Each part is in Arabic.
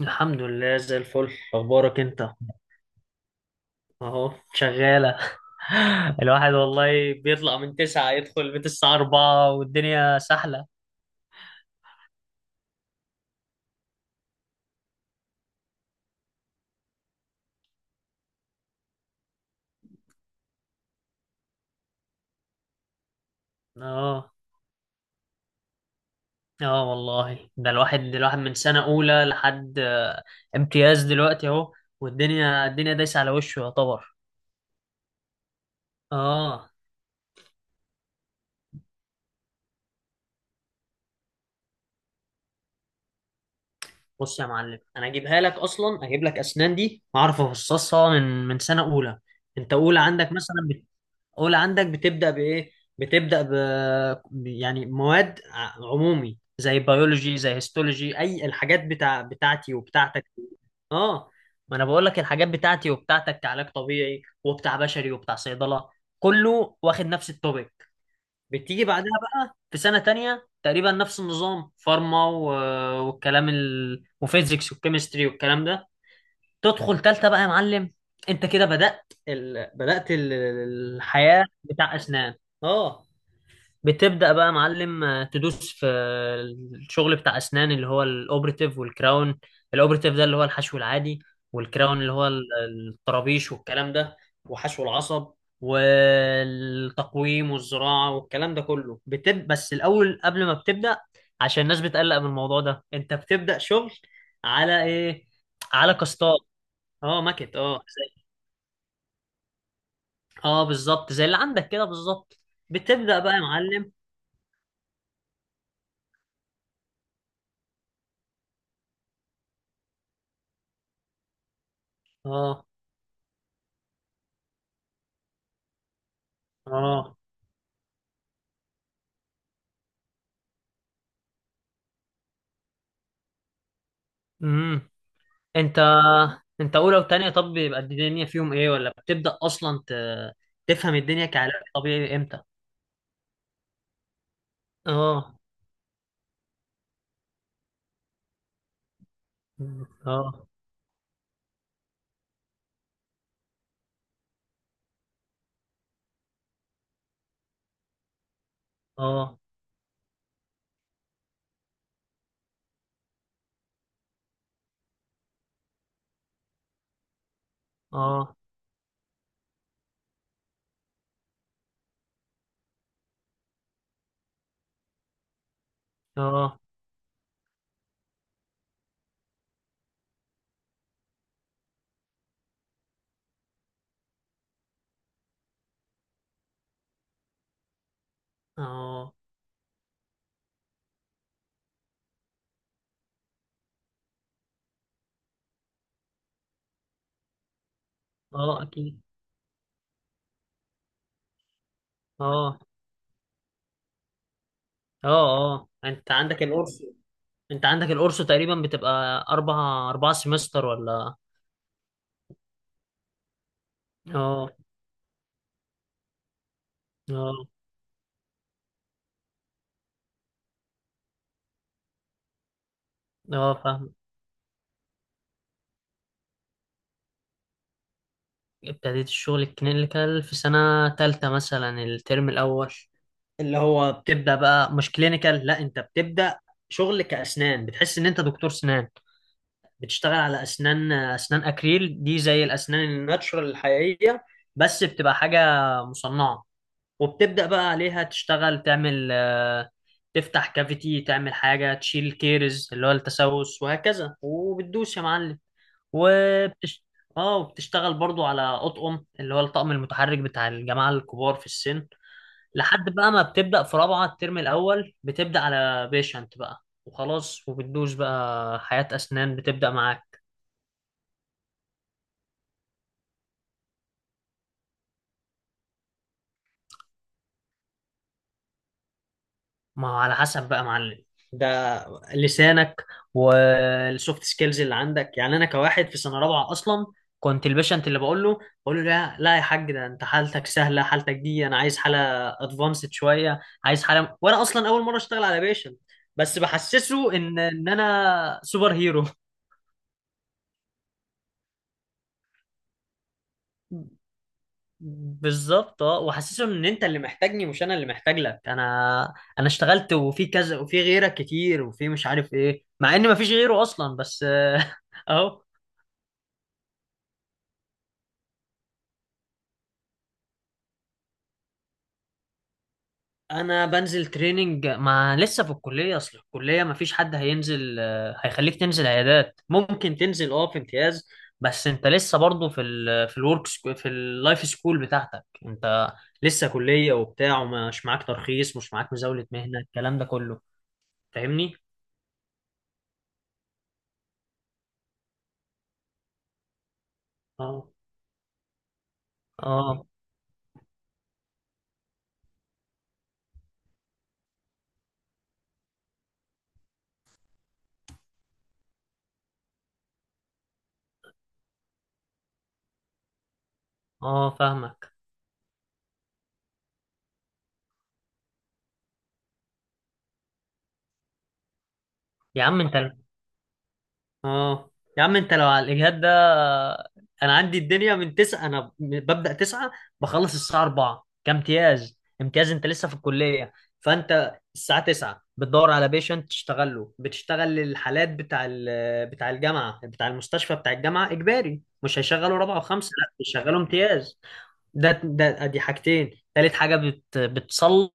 الحمد لله زي الفل. اخبارك انت؟ اهو شغاله. الواحد والله بيطلع من تسعة يدخل البيت الساعة أربعة والدنيا سهلة. اه. اه والله ده الواحد من سنة أولى لحد امتياز دلوقتي اهو. والدنيا الدنيا دايسة على وشه يعتبر. اه. بص يا معلم انا اجيبها لك اصلا اجيب لك اسنان دي اعرف افصصها من سنة أولى. انت أولى عندك مثلا. اولى عندك بتبدا بايه؟ بتبدا ب يعني مواد عمومي زي بيولوجي زي هيستولوجي اي الحاجات بتاعتي وبتاعتك. اه. ما انا بقول لك الحاجات بتاعتي وبتاعتك كعلاج طبيعي وبتاع بشري وبتاع صيدله كله واخد نفس التوبيك. بتيجي بعدها بقى في سنه تانية تقريبا نفس النظام فارما وفيزيكس والكيمستري والكلام ده. تدخل تالتة بقى يا معلم. انت كده الحياة بتاع أسنان. اه. بتبدأ بقى يا معلم تدوس في الشغل بتاع أسنان اللي هو الأوبرتيف والكراون. الأوبرتيف ده اللي هو الحشو العادي. والكراون اللي هو الطرابيش والكلام ده. وحشو العصب والتقويم والزراعة والكلام ده كله بس الأول قبل ما بتبدأ عشان الناس بتقلق من الموضوع ده انت بتبدأ شغل على ايه؟ على كاستات. اه ماكت. اه اه بالظبط زي اللي عندك كده بالظبط. بتبدأ بقى يا معلم. اه اه. امم انت انت اولى وتانية طب بيبقى الدنيا فيهم ايه ولا بتبدأ اصلا تفهم الدنيا كعلاج طبيعي امتى؟ اه. اه. اه. اه. اه. اه. اه. اه، اكيد. اه. اه. اه انت عندك القرص تقريبا بتبقى اربع سمستر ولا؟ اه. اه. اه فاهم. ابتديت الشغل الكلينيكال في سنة تالتة مثلا الترم الأول اللي هو بتبدأ بقى مش كلينيكال. لا أنت بتبدأ شغل كأسنان بتحس إن أنت دكتور سنان. بتشتغل على أسنان. أسنان أكريل دي زي الأسنان الناتشورال الحقيقية بس بتبقى حاجة مصنعة. وبتبدأ بقى عليها تشتغل تعمل تفتح كافيتي تعمل حاجة تشيل كيرز اللي هو التسوس وهكذا وبتدوس يا معلم. وبتش... اه وبتشتغل برضو على اطقم اللي هو الطقم المتحرك بتاع الجماعه الكبار في السن. لحد بقى ما بتبدا في رابعه الترم الاول بتبدا على بيشنت بقى وخلاص وبتدوس بقى حياه اسنان بتبدا معاك. ما هو على حسب بقى يا معلم. ده لسانك والسوفت سكيلز اللي عندك. يعني انا كواحد في سنه رابعه اصلا كنت البيشنت اللي بقول له. بقول له لا لا يا حاج ده انت حالتك سهله. حالتك دي انا عايز حاله ادفانسد شويه. عايز حاله وانا اصلا اول مره اشتغل على بيشنت بس بحسسه ان انا سوبر هيرو. بالظبط. اه وحاسسهم ان انت اللي محتاجني مش انا اللي محتاج لك. انا اشتغلت وفي كذا وفي غيرك كتير وفي مش عارف ايه مع ان مفيش غيره اصلا بس اهو. انا بنزل تريننج ما لسه في الكليه. اصل الكليه مفيش حد هينزل هيخليك تنزل عيادات. ممكن تنزل في امتياز بس انت لسه برضه في اللايف سكول بتاعتك انت. لسه كليه وبتاع ومش معاك ترخيص. مش معاك مزاوله مهنه الكلام ده كله. فاهمني؟ آه. اه اه فاهمك. يا عم انت اه يا عم انت لو على الاجهاد ده انا عندي الدنيا من تسعة. انا ببدأ تسعة بخلص الساعة أربعة كامتياز. امتياز انت لسه في الكلية. فانت الساعة تسعة بتدور على بيشنت تشتغل له. بتشتغل الحالات بتاع الجامعة بتاع المستشفى. بتاع الجامعة اجباري مش هيشغلوا رابعة وخمسة. لا بيشغلوا امتياز. ده دي حاجتين. تالت حاجه بتصلح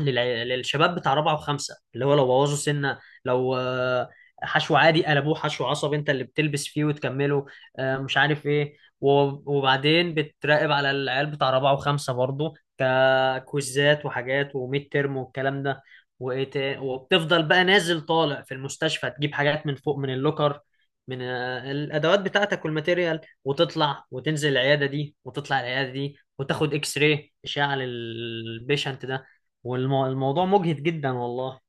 للشباب بتاع رابعه وخمسه اللي هو لو بوظوا سنه. لو حشو عادي قلبوه حشو عصب انت اللي بتلبس فيه وتكمله. مش عارف ايه وبعدين بتراقب على العيال بتاع رابعه وخمسه برضو ككويزات وحاجات وميد ترم والكلام ده. وبتفضل بقى نازل طالع في المستشفى تجيب حاجات من فوق من اللوكر. من الادوات بتاعتك والماتيريال وتطلع وتنزل العياده دي وتطلع العياده دي وتاخد اكس راي اشعه للبيشنت ده. والموضوع مجهد جدا والله.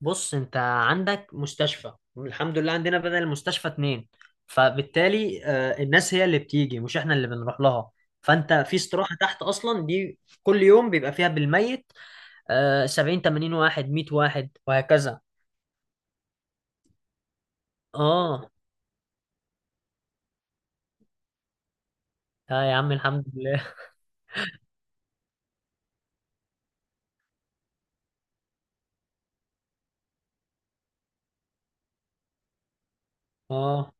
بص انت عندك مستشفى. الحمد لله عندنا بدل المستشفى اتنين. فبالتالي الناس هي اللي بتيجي مش احنا اللي بنروح لها. فانت في استراحة تحت اصلا دي كل يوم بيبقى فيها بالميت 70 80 واحد 100 واحد وهكذا. اه. اه يا عم الحمد لله. اه.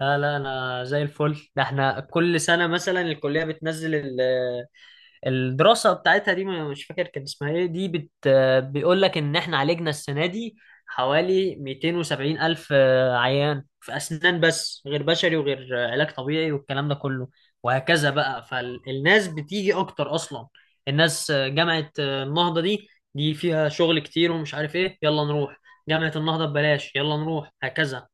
لا لا، انا زي الفل. ده احنا كل سنة مثلا الكلية بتنزل الدراسة بتاعتها دي مش فاكر كان اسمها ايه دي بيقول لك ان احنا عالجنا السنة دي حوالي 270 ألف عيان في أسنان بس غير بشري وغير علاج طبيعي والكلام ده كله. وهكذا بقى فالناس بتيجي أكتر أصلا. الناس جامعة النهضة دي فيها شغل كتير ومش عارف ايه يلا نروح جامعة النهضة ببلاش يلا نروح هكذا.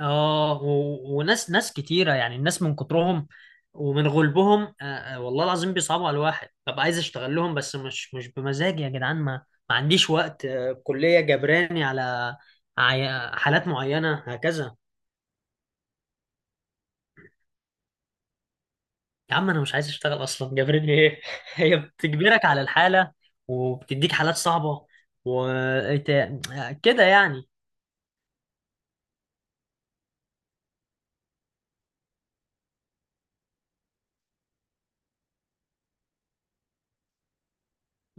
اه وناس ناس كتيرة يعني الناس من كترهم ومن غلبهم والله العظيم بيصعبوا على الواحد. ببقى عايز اشتغل لهم بس مش بمزاجي يا جدعان. ما عنديش وقت. الكلية جبراني على حالات معينة هكذا. يا عم انا مش عايز اشتغل اصلا جبراني ايه؟ هي بتجبرك على الحالة وبتديك حالات صعبة و إت- كده يعني.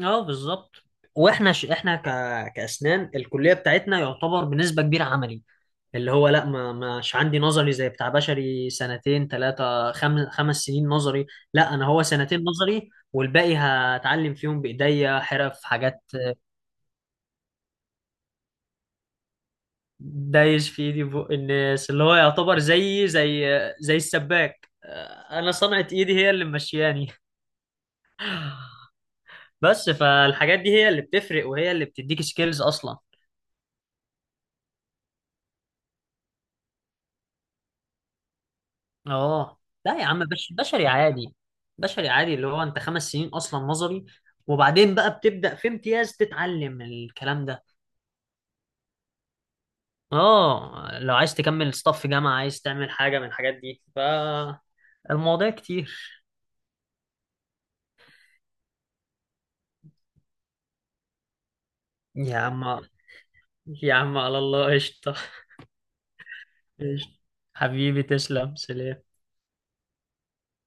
اه بالظبط. واحنا ش... احنا ك... كاسنان الكلية بتاعتنا يعتبر بنسبة كبيرة عملي اللي هو لا ما مش عندي نظري زي بتاع بشري. سنتين ثلاثة خمس سنين نظري. لا أنا هو سنتين نظري والباقي هتعلم فيهم بإيديا حرف حاجات. دايش في ايدي بق الناس اللي هو يعتبر زي زي السباك. انا صنعة ايدي هي اللي ممشياني بس. فالحاجات دي هي اللي بتفرق وهي اللي بتديك سكيلز اصلا. اه. لا يا عم. بشري عادي. بشري عادي اللي هو انت خمس سنين اصلا نظري وبعدين بقى بتبدأ في امتياز تتعلم الكلام ده. اه لو عايز تكمل ستاف في جامعة عايز تعمل حاجة من الحاجات دي فالمواضيع كتير. يا عم يا عم على الله قشطة. قشطة. حبيبي تسلم. سلام.